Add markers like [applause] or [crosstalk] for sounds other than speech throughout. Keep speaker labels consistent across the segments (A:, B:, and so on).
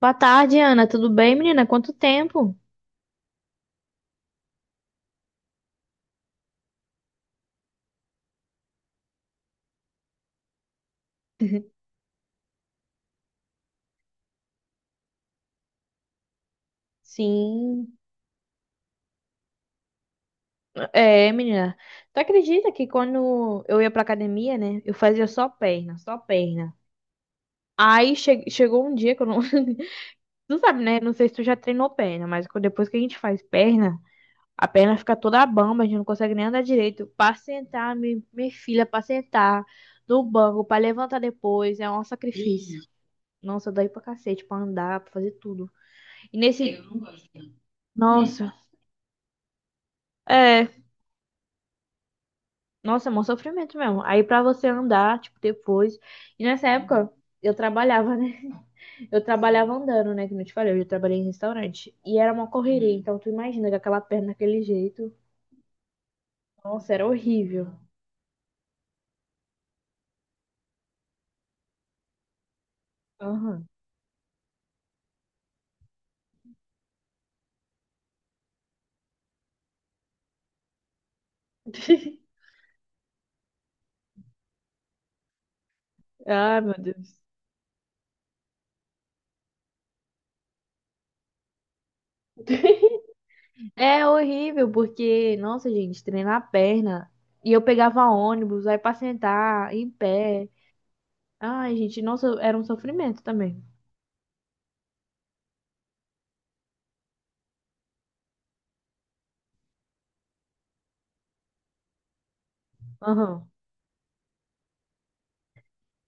A: Boa tarde, Ana. Tudo bem, menina? Quanto tempo? [laughs] Sim, é, menina. Tu acredita que quando eu ia pra academia, né? Eu fazia só perna, só perna. Aí chegou um dia que eu não. [laughs] Tu sabe, né? Não sei se tu já treinou perna, mas depois que a gente faz perna, a perna fica toda bamba, a gente não consegue nem andar direito. Pra sentar, minha filha, pra sentar no banco, pra levantar depois, é um sacrifício. Nossa, dói pra cacete, pra andar, pra fazer tudo. E nesse. Nossa. É, nossa, é mó sofrimento mesmo. Aí pra você andar, tipo, depois. E nessa época eu trabalhava, né? Eu trabalhava andando, né? Que não te falei, eu já trabalhei em restaurante. E era uma correria. Uhum. Então tu imagina que aquela perna daquele jeito. Nossa, era horrível. Aham. [laughs] Ah, meu Deus. É horrível, porque, nossa, gente, treinar a perna. E eu pegava ônibus, aí pra sentar, em pé. Ai, gente, nossa, era um sofrimento também. Aham.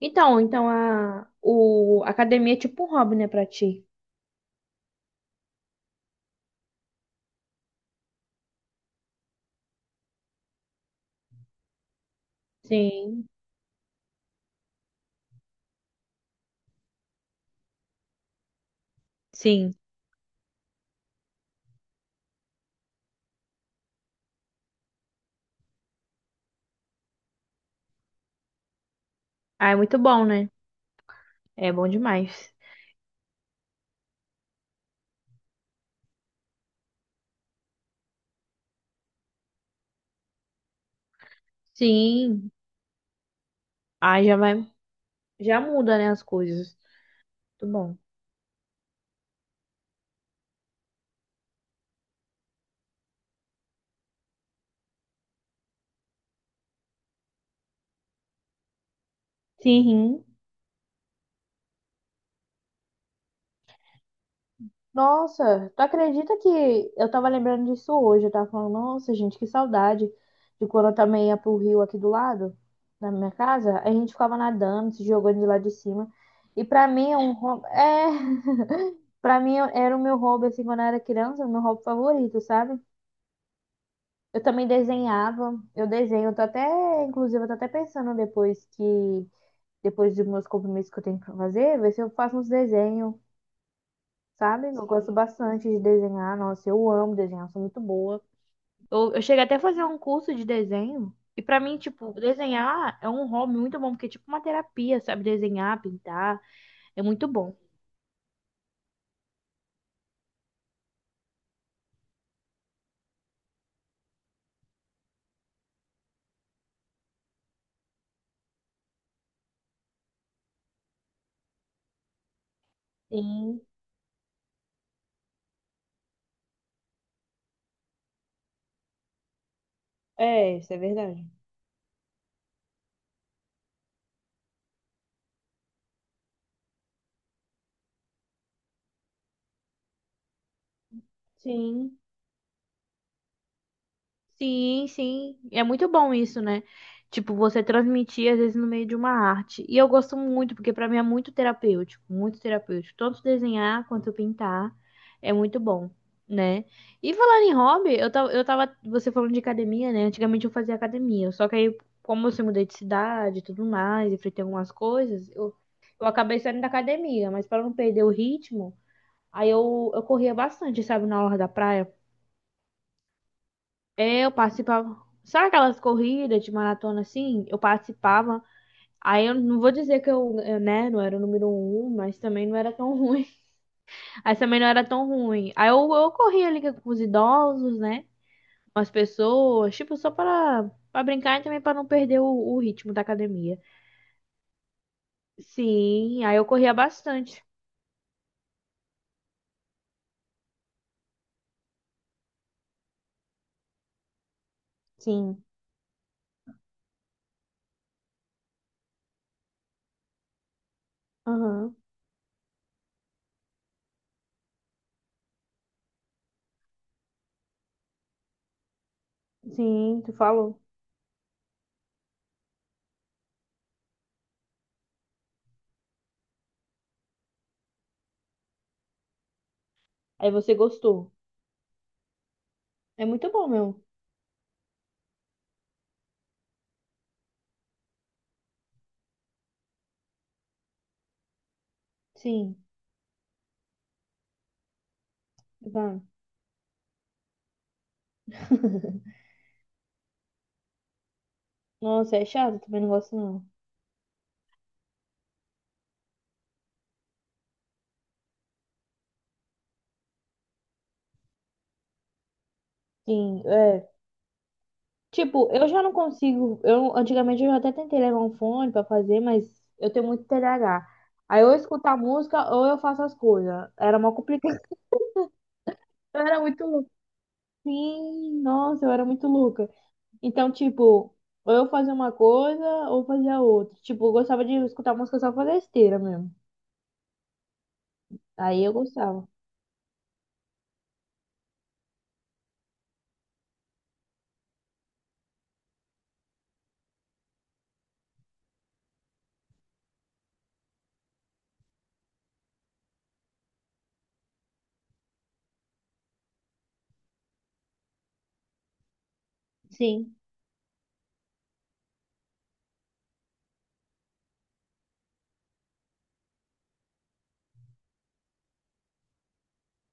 A: Então a academia é tipo um hobby, né, pra ti? Sim, sim. Ah, é muito bom, né? É bom demais. Sim. Ah, já vai, já muda, né, as coisas. Muito bom. Sim. Nossa, tu acredita que eu tava lembrando disso hoje? Eu tava falando, nossa, gente, que saudade de quando eu também ia pro rio aqui do lado, na minha casa. A gente ficava nadando, se jogando de lá de cima. E pra mim é um hobby. É, pra mim, era o meu hobby, assim, quando eu era criança, o meu hobby favorito, sabe? Eu também desenhava, eu desenho, eu tô até, inclusive, eu tô até pensando depois que, depois dos meus compromissos que eu tenho pra fazer, ver se eu faço uns desenhos, sabe? Eu gosto bastante de desenhar, nossa, eu amo desenhar, sou muito boa. Eu cheguei até a fazer um curso de desenho, e pra mim, tipo, desenhar é um hobby muito bom, porque é tipo uma terapia, sabe? Desenhar, pintar, é muito bom. Sim, é, isso é verdade. Sim. Sim, sim. É muito bom isso, né? Tipo, você transmitir, às vezes, no meio de uma arte. E eu gosto muito, porque pra mim é muito terapêutico, muito terapêutico. Tanto desenhar quanto pintar é muito bom, né? E falando em hobby, eu tava, você falando de academia, né? Antigamente eu fazia academia, só que aí, como eu se mudei de cidade e tudo mais, enfrentei algumas coisas, eu acabei saindo da academia, mas pra não perder o ritmo, aí eu corria bastante, sabe, na orla da praia. É, eu participava. Sabe aquelas corridas de maratona assim? Eu participava. Aí eu não vou dizer que eu, né, não era o número um, mas também não era tão ruim. [laughs] Aí também não era tão ruim. Aí eu corria ali com os idosos, né? Com as pessoas, tipo, só para brincar e também para não perder o, ritmo da academia. Sim, aí eu corria bastante. Sim. Aham. Sim, tu falou. Aí você gostou. É muito bom, meu. Sim. Tá. Nossa, é chato, também não gosto não. Sim, é. Tipo, eu já não consigo. Eu, antigamente eu já até tentei levar um fone pra fazer, mas eu tenho muito TDAH. Aí ou eu escuto a música ou eu faço as coisas. Era uma complicação. [laughs] Eu era muito louca. Sim, nossa, eu era muito louca. Então, tipo, ou eu fazia uma coisa ou fazia outra. Tipo, eu gostava de escutar música só pra besteira mesmo. Aí eu gostava. Sim,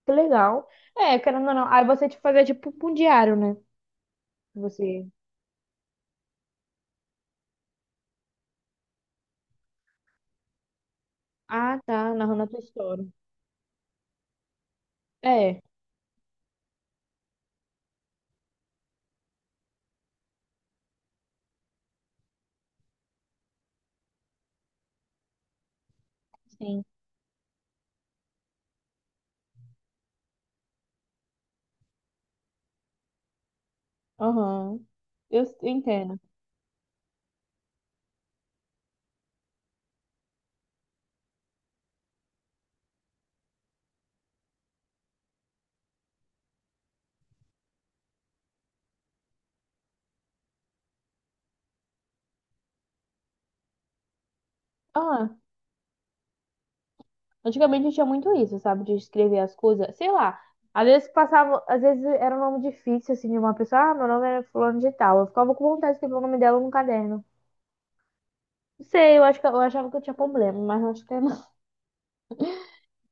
A: que legal. É, querendo ou não. Aí você te fazia tipo um diário, né? Você. Ah, tá, narrando a tua história. É, sim. Aham. Eu entendo. Ah, antigamente tinha muito isso, sabe? De escrever as coisas. Sei lá. Às vezes passava, às vezes era um nome difícil, assim, de uma pessoa. Ah, meu nome é fulano de tal. Eu ficava com vontade de escrever o nome dela no caderno. Não sei, eu acho que eu achava que eu tinha problema, mas não acho que não.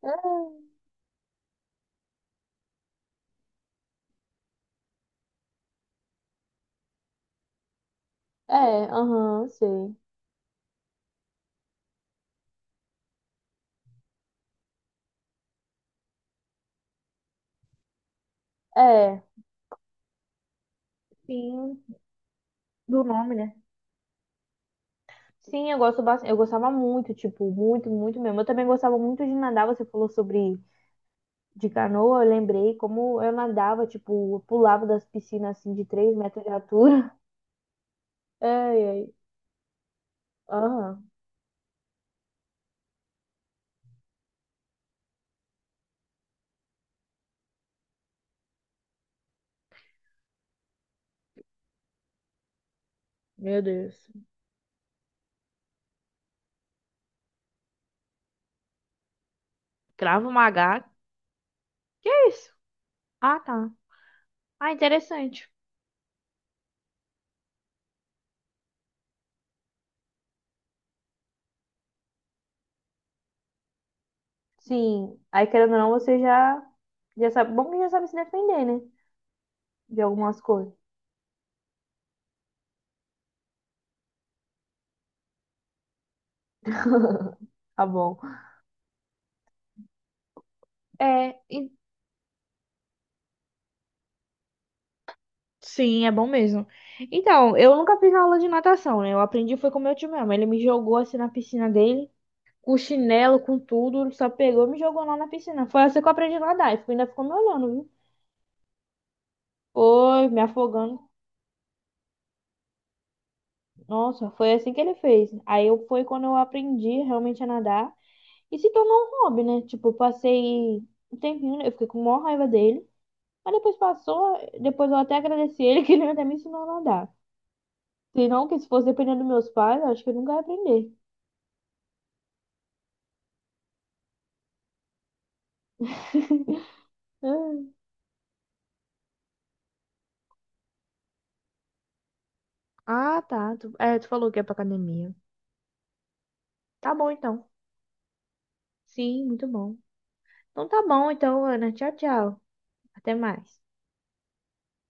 A: [laughs] É, aham, sei. É, sim, do nome, né? Sim, eu gosto bastante. Eu gostava muito, tipo, muito, muito mesmo. Eu também gostava muito de nadar, você falou sobre de canoa, eu lembrei como eu nadava, tipo, eu pulava das piscinas assim de 3 metros de altura. [laughs] Ai, ai. Aham, meu Deus. Cravo Maga. Que é isso? Ah, tá. Ah, interessante. Sim, aí querendo ou não, você já, já sabe. Bom que já sabe se defender, né? De algumas coisas. Tá bom. É, sim, é bom mesmo. Então, eu nunca fiz aula de natação, né? Eu aprendi foi com meu tio mesmo. Ele me jogou assim na piscina dele, com chinelo, com tudo, só pegou e me jogou lá na piscina. Foi assim que eu aprendi a nadar. E ainda ficou me olhando, viu? Foi, me afogando. Nossa, foi assim que ele fez. Aí eu, foi quando eu aprendi realmente a nadar. E se tornou um hobby, né? Tipo, eu passei um tempinho, né? Eu fiquei com maior raiva dele. Mas depois passou, depois eu até agradeci ele [laughs] que ele até me ensinou a nadar. Se não, que se fosse dependendo dos meus pais, eu acho que eu nunca ia aprender. Hum. Ah, tá. Tu falou que é pra academia. Tá bom, então. Sim, muito bom. Então tá bom, então, Ana. Tchau, tchau. Até mais.